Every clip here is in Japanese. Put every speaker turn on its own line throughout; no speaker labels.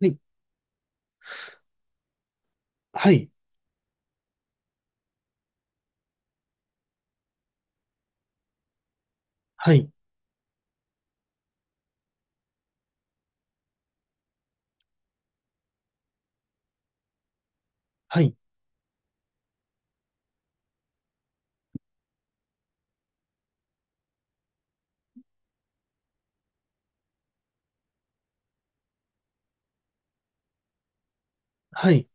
はい、はい、はい、はい、はい。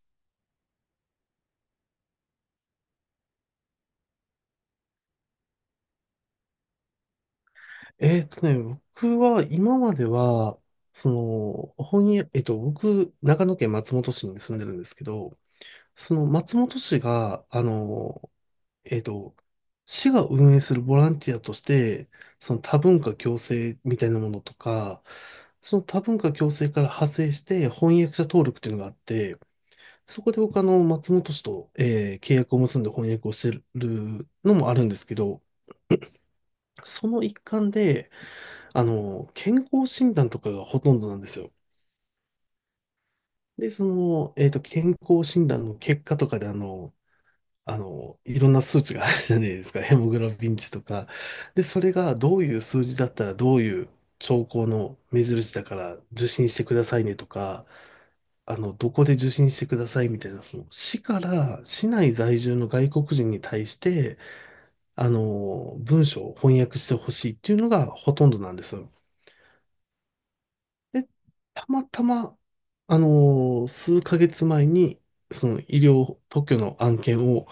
えーっとね、僕は今までは、その、本屋、えっと、僕、長野県松本市に住んでるんですけど、その松本市が、えっと、市が運営するボランティアとして、その多文化共生みたいなものとか、その多文化共生から派生して翻訳者登録っていうのがあって、そこで僕松本市と、契約を結んで翻訳をしてるのもあるんですけど、その一環で、あの、健康診断とかがほとんどなんですよ。で、健康診断の結果とかで、あの、いろんな数値があるじゃないですか。ヘモグロビン値とか。で、それがどういう数字だったら、どういう兆候の目印だから受診してくださいねとか、あの、どこで受診してくださいみたいな、その、市から市内在住の外国人に対して、あの、文章を翻訳してほしいっていうのがほとんどなんですよ。で、たまたま、あの数ヶ月前に、その医療特許の案件を、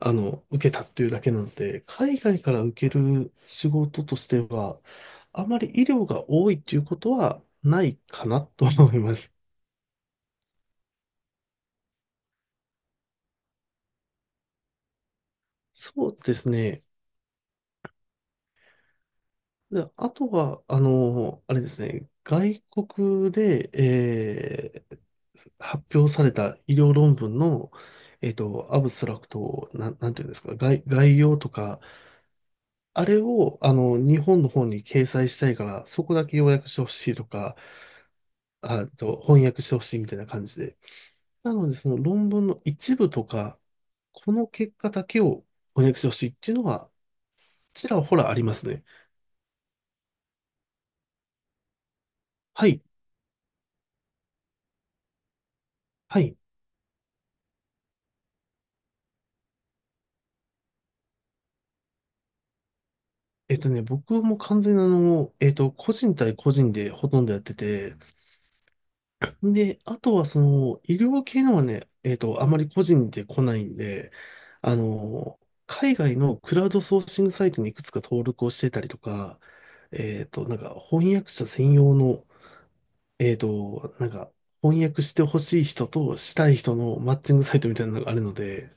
あの、受けたっていうだけなので、海外から受ける仕事としては、あまり医療が多いっていうことはないかなと思います。そうですね。で、あとは、あの、あれですね、外国で、発表された医療論文の、えっと、アブストラクトを、なんていうんですか、概要とか、あれを、あの、日本の方に掲載したいから、そこだけ要約してほしいとか、あと、翻訳してほしいみたいな感じで。なので、その論文の一部とか、この結果だけを翻訳してほしいっていうのは、ちらほらありますね。はい。はい。僕も完全に個人対個人でほとんどやってて、で、あとはその、医療系のはね、えっと、あまり個人で来ないんで、あの、海外のクラウドソーシングサイトにいくつか登録をしてたりとか、翻訳者専用の、えっと、なんか翻訳してほしい人としたい人のマッチングサイトみたいなのがあるので、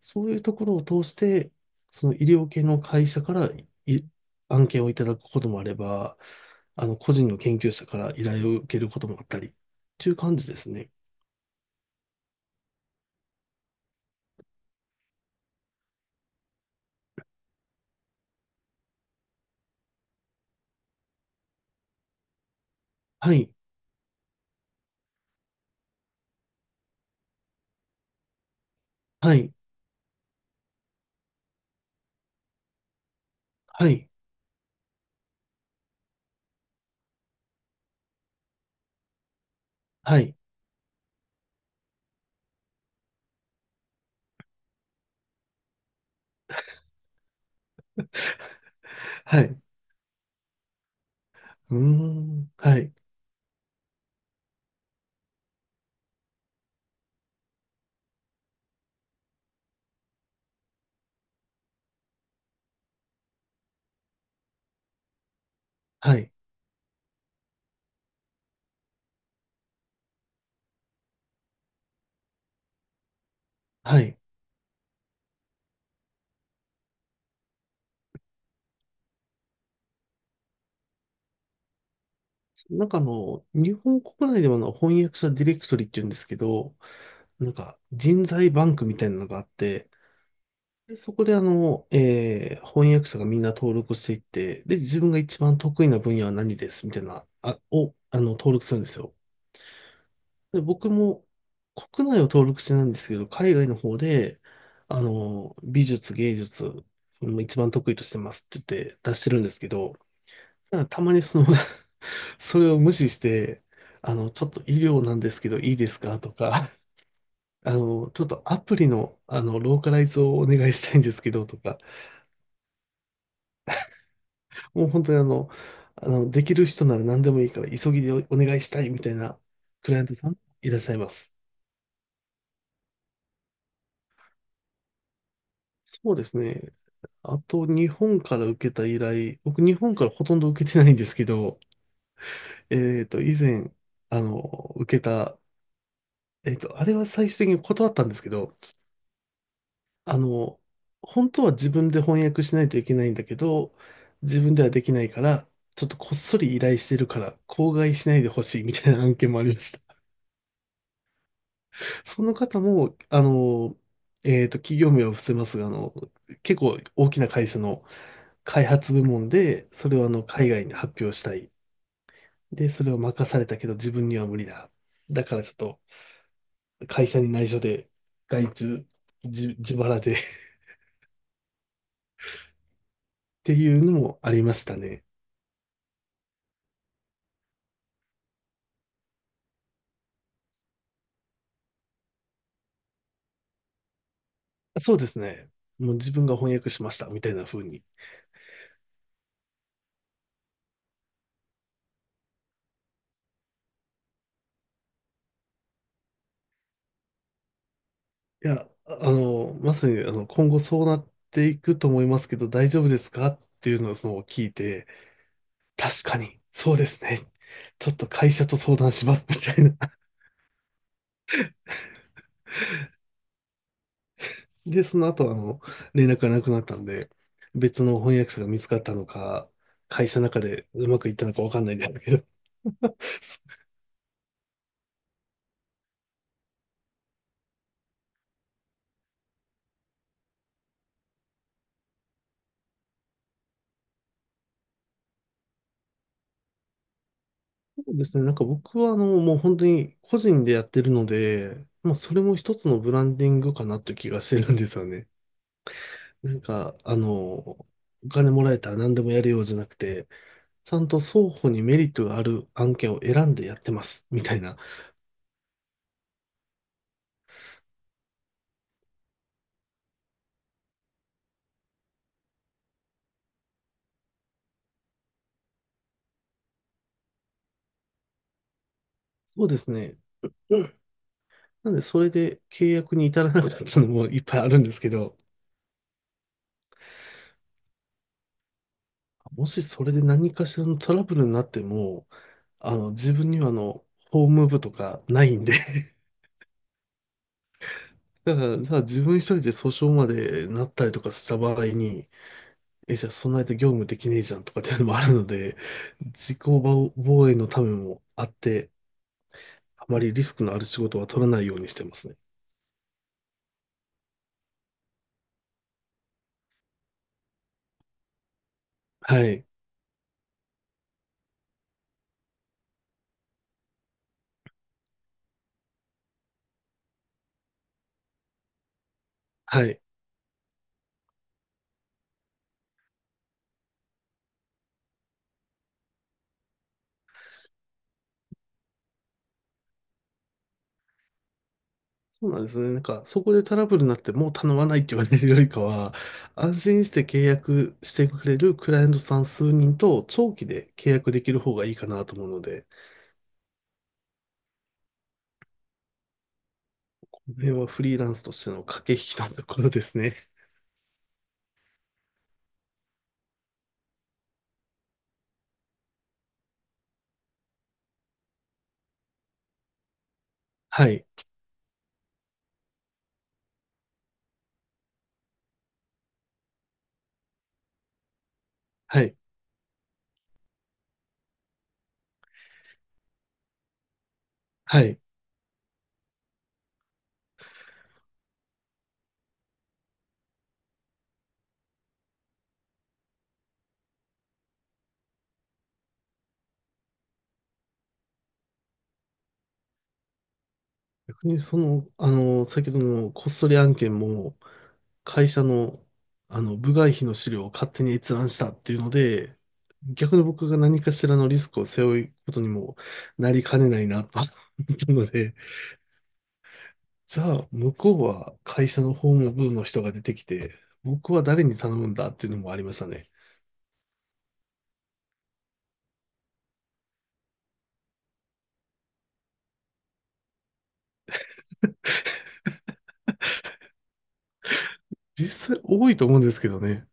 そういうところを通して、その医療系の会社からい案件をいただくこともあれば、あの、個人の研究者から依頼を受けることもあったり、という感じですね。はい、はい、はい、はい、はい、うーん、はい、はい、はい。なんかあの、日本国内では翻訳者ディレクトリっていうんですけど、なんか人材バンクみたいなのがあって、で、そこであの、翻訳者がみんな登録していって、で、自分が一番得意な分野は何ですみたいな、あの、登録するんですよ。で、僕も国内を登録してないんですけど、海外の方で、あの、美術、芸術、うん一番得意としてますって言って出してるんですけど、ただたまにその それを無視して、あの、ちょっと医療なんですけどいいですかとか、あの、ちょっとアプリの、あの、ローカライズをお願いしたいんですけどとか、もう本当にあの、あの、できる人なら何でもいいから急ぎでお願いしたいみたいなクライアントさんいらっしゃいます。そうですね。あと、日本から受けた依頼、僕、日本からほとんど受けてないんですけど、えっと、以前、あの、受けた、えっと、あれは最終的に断ったんですけど、あの、本当は自分で翻訳しないといけないんだけど、自分ではできないから、ちょっとこっそり依頼してるから、口外しないでほしいみたいな案件もありました。その方も、企業名は伏せますが、あの、結構大きな会社の開発部門で、それをあの、海外に発表したい。で、それを任されたけど、自分には無理だ。だからちょっと、会社に内緒で、外注、自腹で っていうのもありましたね。そうですね。もう自分が翻訳しました、みたいな風に。いや、あの、まさに、あの、今後そうなっていくと思いますけど、大丈夫ですかっていうのをその聞いて、確かに、そうですね。ちょっと会社と相談します、みたいな。で、その後、あの、連絡がなくなったんで、別の翻訳者が見つかったのか、会社の中でうまくいったのかわかんないんですけど。そうですね。なんか僕は、あの、もう本当に個人でやってるので、まあ、それも一つのブランディングかなという気がしてるんですよね。なんか、あの、お金もらえたら何でもやるようじゃなくて、ちゃんと双方にメリットがある案件を選んでやってます、みたいな。そうですね。なんで、それで契約に至らなかったのもいっぱいあるんですけど、もしそれで何かしらのトラブルになっても、あの、自分にはあの、法務部とかないんで。 だから、じゃあ自分一人で訴訟までなったりとかした場合に、え、じゃあそんな間業務できねえじゃんとかっていうのもあるので、自己防防衛のためもあって、あまりリスクのある仕事は取らないようにしてますね。はい。はい。そうなんですね。なんか、そこでトラブルになってもう頼まないって言われるよりかは、安心して契約してくれるクライアントさん数人と長期で契約できる方がいいかなと思うので、この辺はフリーランスとしての駆け引きのところですね。はい。はい。はい。逆にその、あの、先ほどのこっそり案件も、会社の、あの、部外費の資料を勝手に閲覧したっていうので、逆に僕が何かしらのリスクを背負うことにもなりかねないなと思ったので、じゃあ、向こうは会社の法務部の人が出てきて、僕は誰に頼むんだっていうのもありましたね。実際多いと思うんですけどね。